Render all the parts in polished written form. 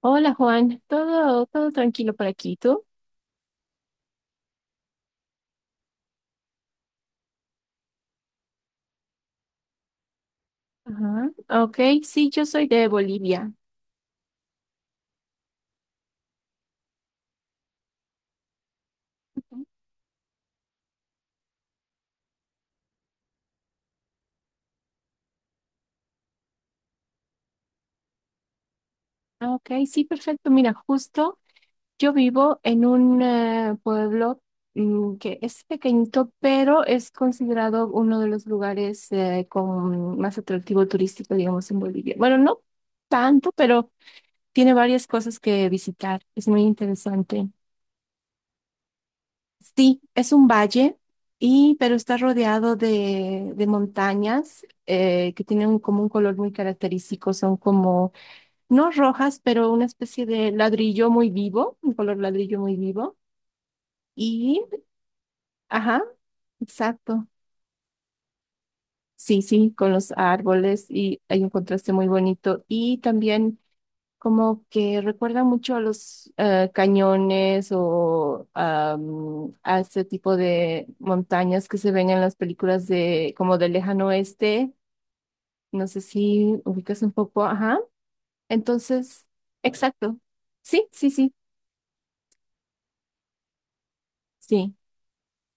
Hola Juan, todo tranquilo por aquí, ¿tú? Ajá. Ok, sí, yo soy de Bolivia. Ujú. Ok, sí, perfecto. Mira, justo yo vivo en un pueblo que es pequeñito, pero es considerado uno de los lugares con más atractivo turístico, digamos, en Bolivia. Bueno, no tanto, pero tiene varias cosas que visitar. Es muy interesante. Sí, es un valle, y, pero está rodeado de montañas que tienen como un color muy característico, son como, no rojas, pero una especie de ladrillo muy vivo, un color ladrillo muy vivo. Y, ajá, exacto. Sí, sí, con los árboles y hay un contraste muy bonito. Y también como que recuerda mucho a los cañones o a ese tipo de montañas que se ven en las películas de como del lejano oeste. No sé si ubicas un poco, ajá. Entonces, exacto. Sí, sí, sí, sí.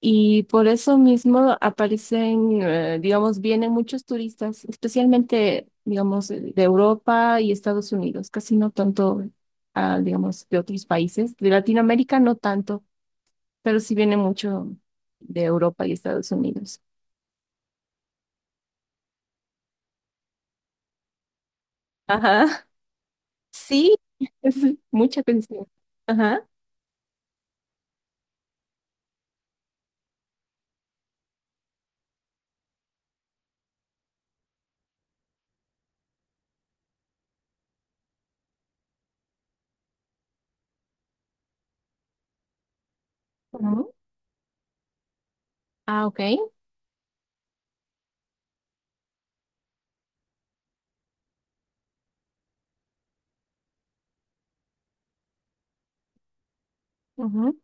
Y por eso mismo aparecen, digamos, vienen muchos turistas, especialmente, digamos, de Europa y Estados Unidos, casi no tanto, digamos, de otros países. De Latinoamérica no tanto, pero sí viene mucho de Europa y Estados Unidos. Ajá. Sí, es mucha atención. Ajá. Ujú. Ah, ok. Ujú.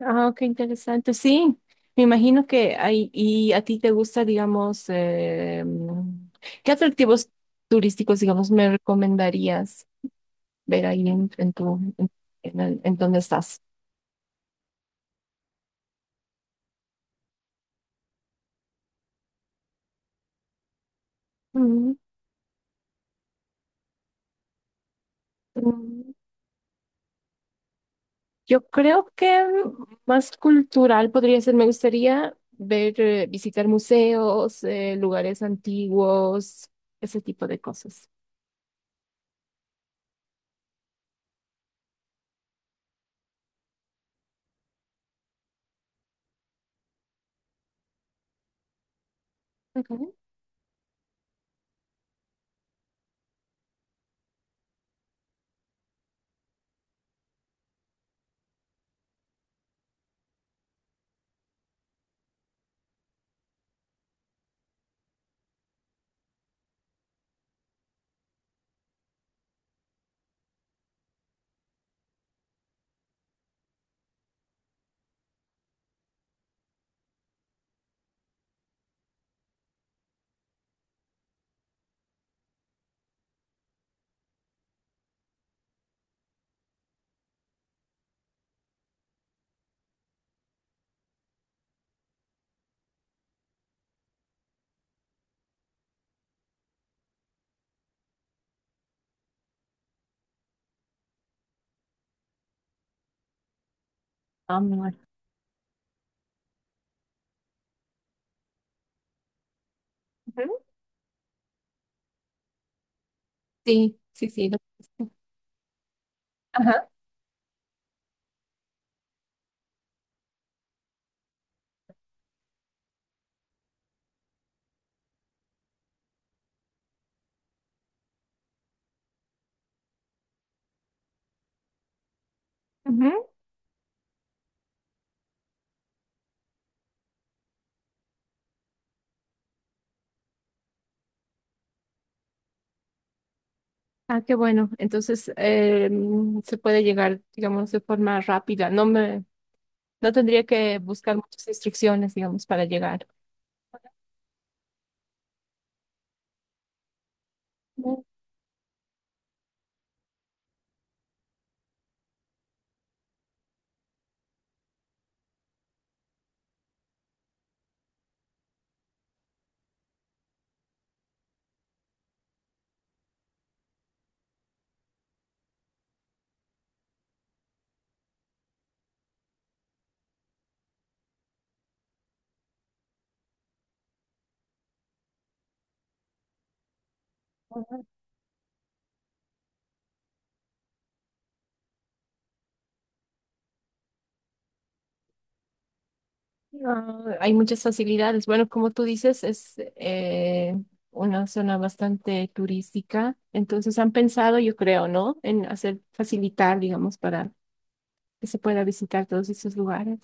Ah, qué interesante. Sí, me imagino que hay, y a ti te gusta, digamos, ¿qué atractivos turísticos, digamos, me recomendarías ver ahí en tu, en el- en donde estás? Ujú. Yo creo que más cultural podría ser. Me gustaría ver, visitar museos, lugares antiguos, ese tipo de cosas. Ujú. Ah, bueno. Ujú. Sí, sí, sí. Ajá. Ujú. Ah, qué bueno. Entonces, se puede llegar, digamos, de forma rápida. No tendría que buscar muchas instrucciones, digamos, para llegar. Ah, hay muchas facilidades. Bueno, como tú dices, es una zona bastante turística, entonces han pensado, yo creo, ¿no? En hacer facilitar, digamos, para que se pueda visitar todos esos lugares.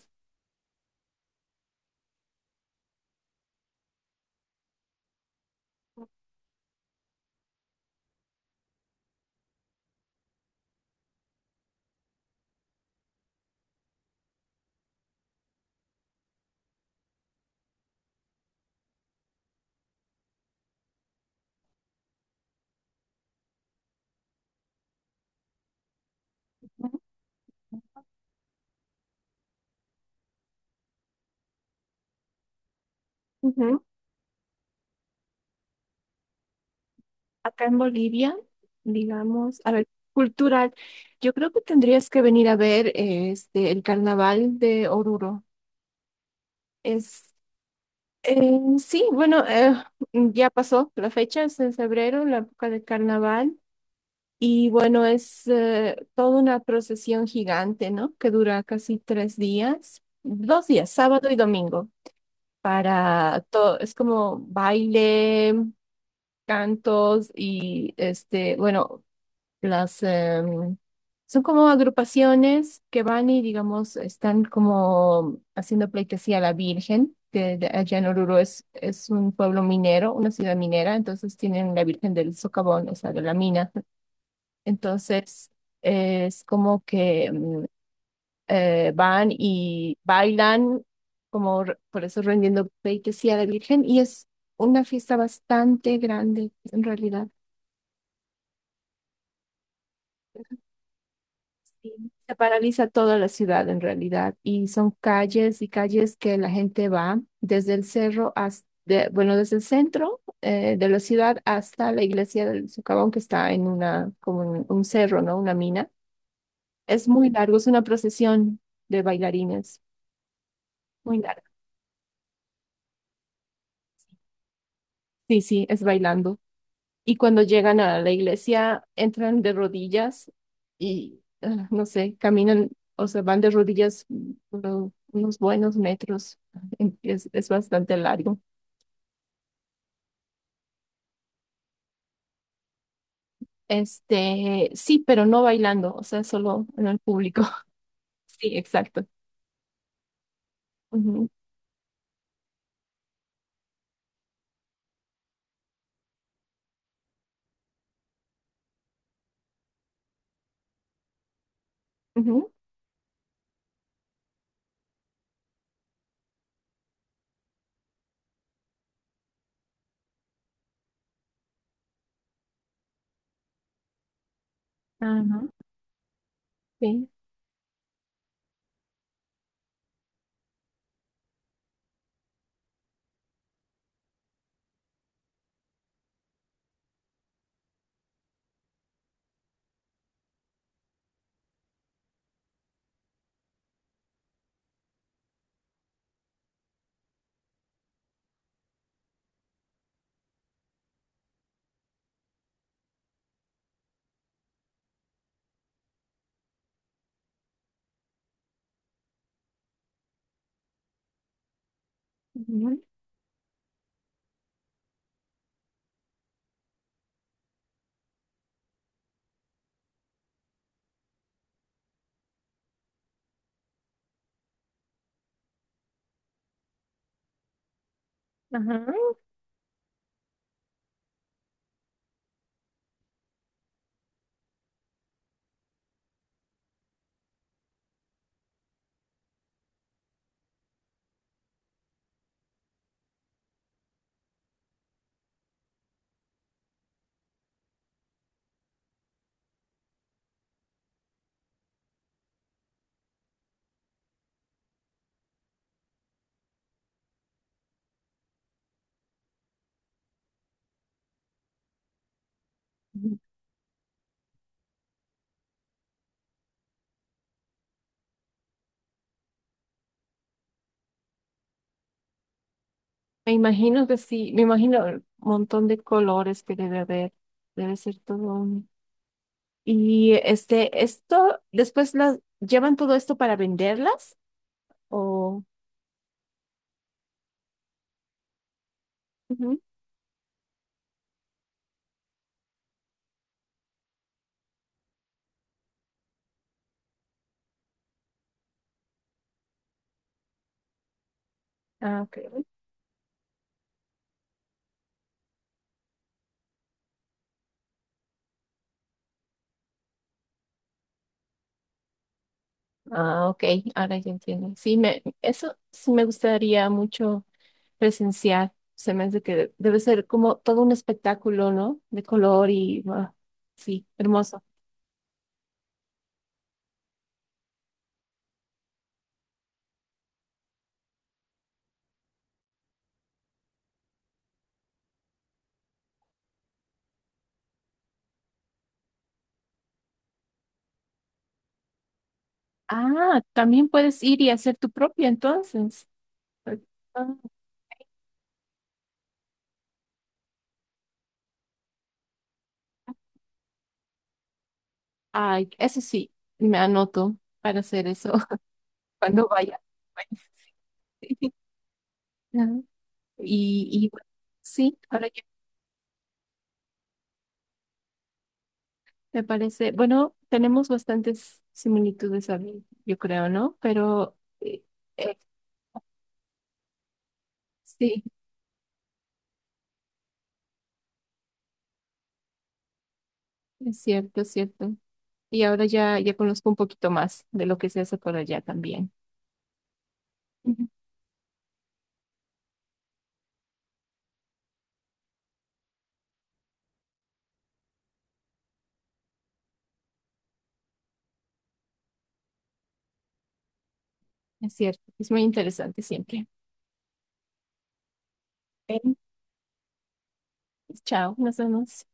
Ujú. Ujú. Acá en Bolivia, digamos, a ver, cultural, yo creo que tendrías que venir a ver el carnaval de Oruro. Es sí, bueno, ya pasó la fecha, es en febrero, la época del carnaval. Y bueno, es toda una procesión gigante, ¿no? Que dura casi tres días, dos días, sábado y domingo, para todo, es como baile, cantos y este, bueno, las son como agrupaciones que van y digamos están como haciendo pleitesía a la Virgen, allá en Oruro es un pueblo minero, una ciudad minera, entonces tienen la Virgen del Socavón, o sea, de la mina entonces, es como que van y bailan, por eso rendiendo pleitesía a la Virgen, y es una fiesta bastante grande, en realidad. Sí. Se paraliza toda la ciudad, en realidad, y son calles y calles que la gente va desde el cerro hasta, bueno, desde el centro de la ciudad hasta la iglesia del Socavón, que está en una, como en un cerro, ¿no? Una mina. Es muy largo, es una procesión de bailarines. Muy larga. Sí, sí, es bailando. Y cuando llegan a la iglesia, entran de rodillas y, ah, no sé, caminan, o sea, van de rodillas unos buenos metros. Es bastante largo. Este, sí, pero no bailando, o sea, solo en el público. Sí, exacto. Ujú, ujú, ajá, sí, ujú, ajá. Ujú. Me imagino que sí, me imagino el montón de colores que debe haber. Debe ser todo. Y este, esto, después las llevan todo esto para venderlas o... Ujú. Ah, ok. Ah, ok, ahora ya entiendo. Sí, me, eso sí me gustaría mucho presenciar. Se me hace que debe ser como todo un espectáculo, ¿no? De color y ah, sí, hermoso. Ah, también puedes ir y hacer tu propia entonces. Ah, ay, eso sí, me anoto para hacer eso cuando vaya. Sí. Y bueno, sí, ahora ya me parece, bueno, tenemos bastantes similitudes, Abby, yo creo, ¿no? Pero eh, sí, es cierto, es cierto. Y ahora ya, ya conozco un poquito más de lo que se hace por allá también. Ujú. Es cierto, es muy interesante siempre. Ven, chao, nos vemos.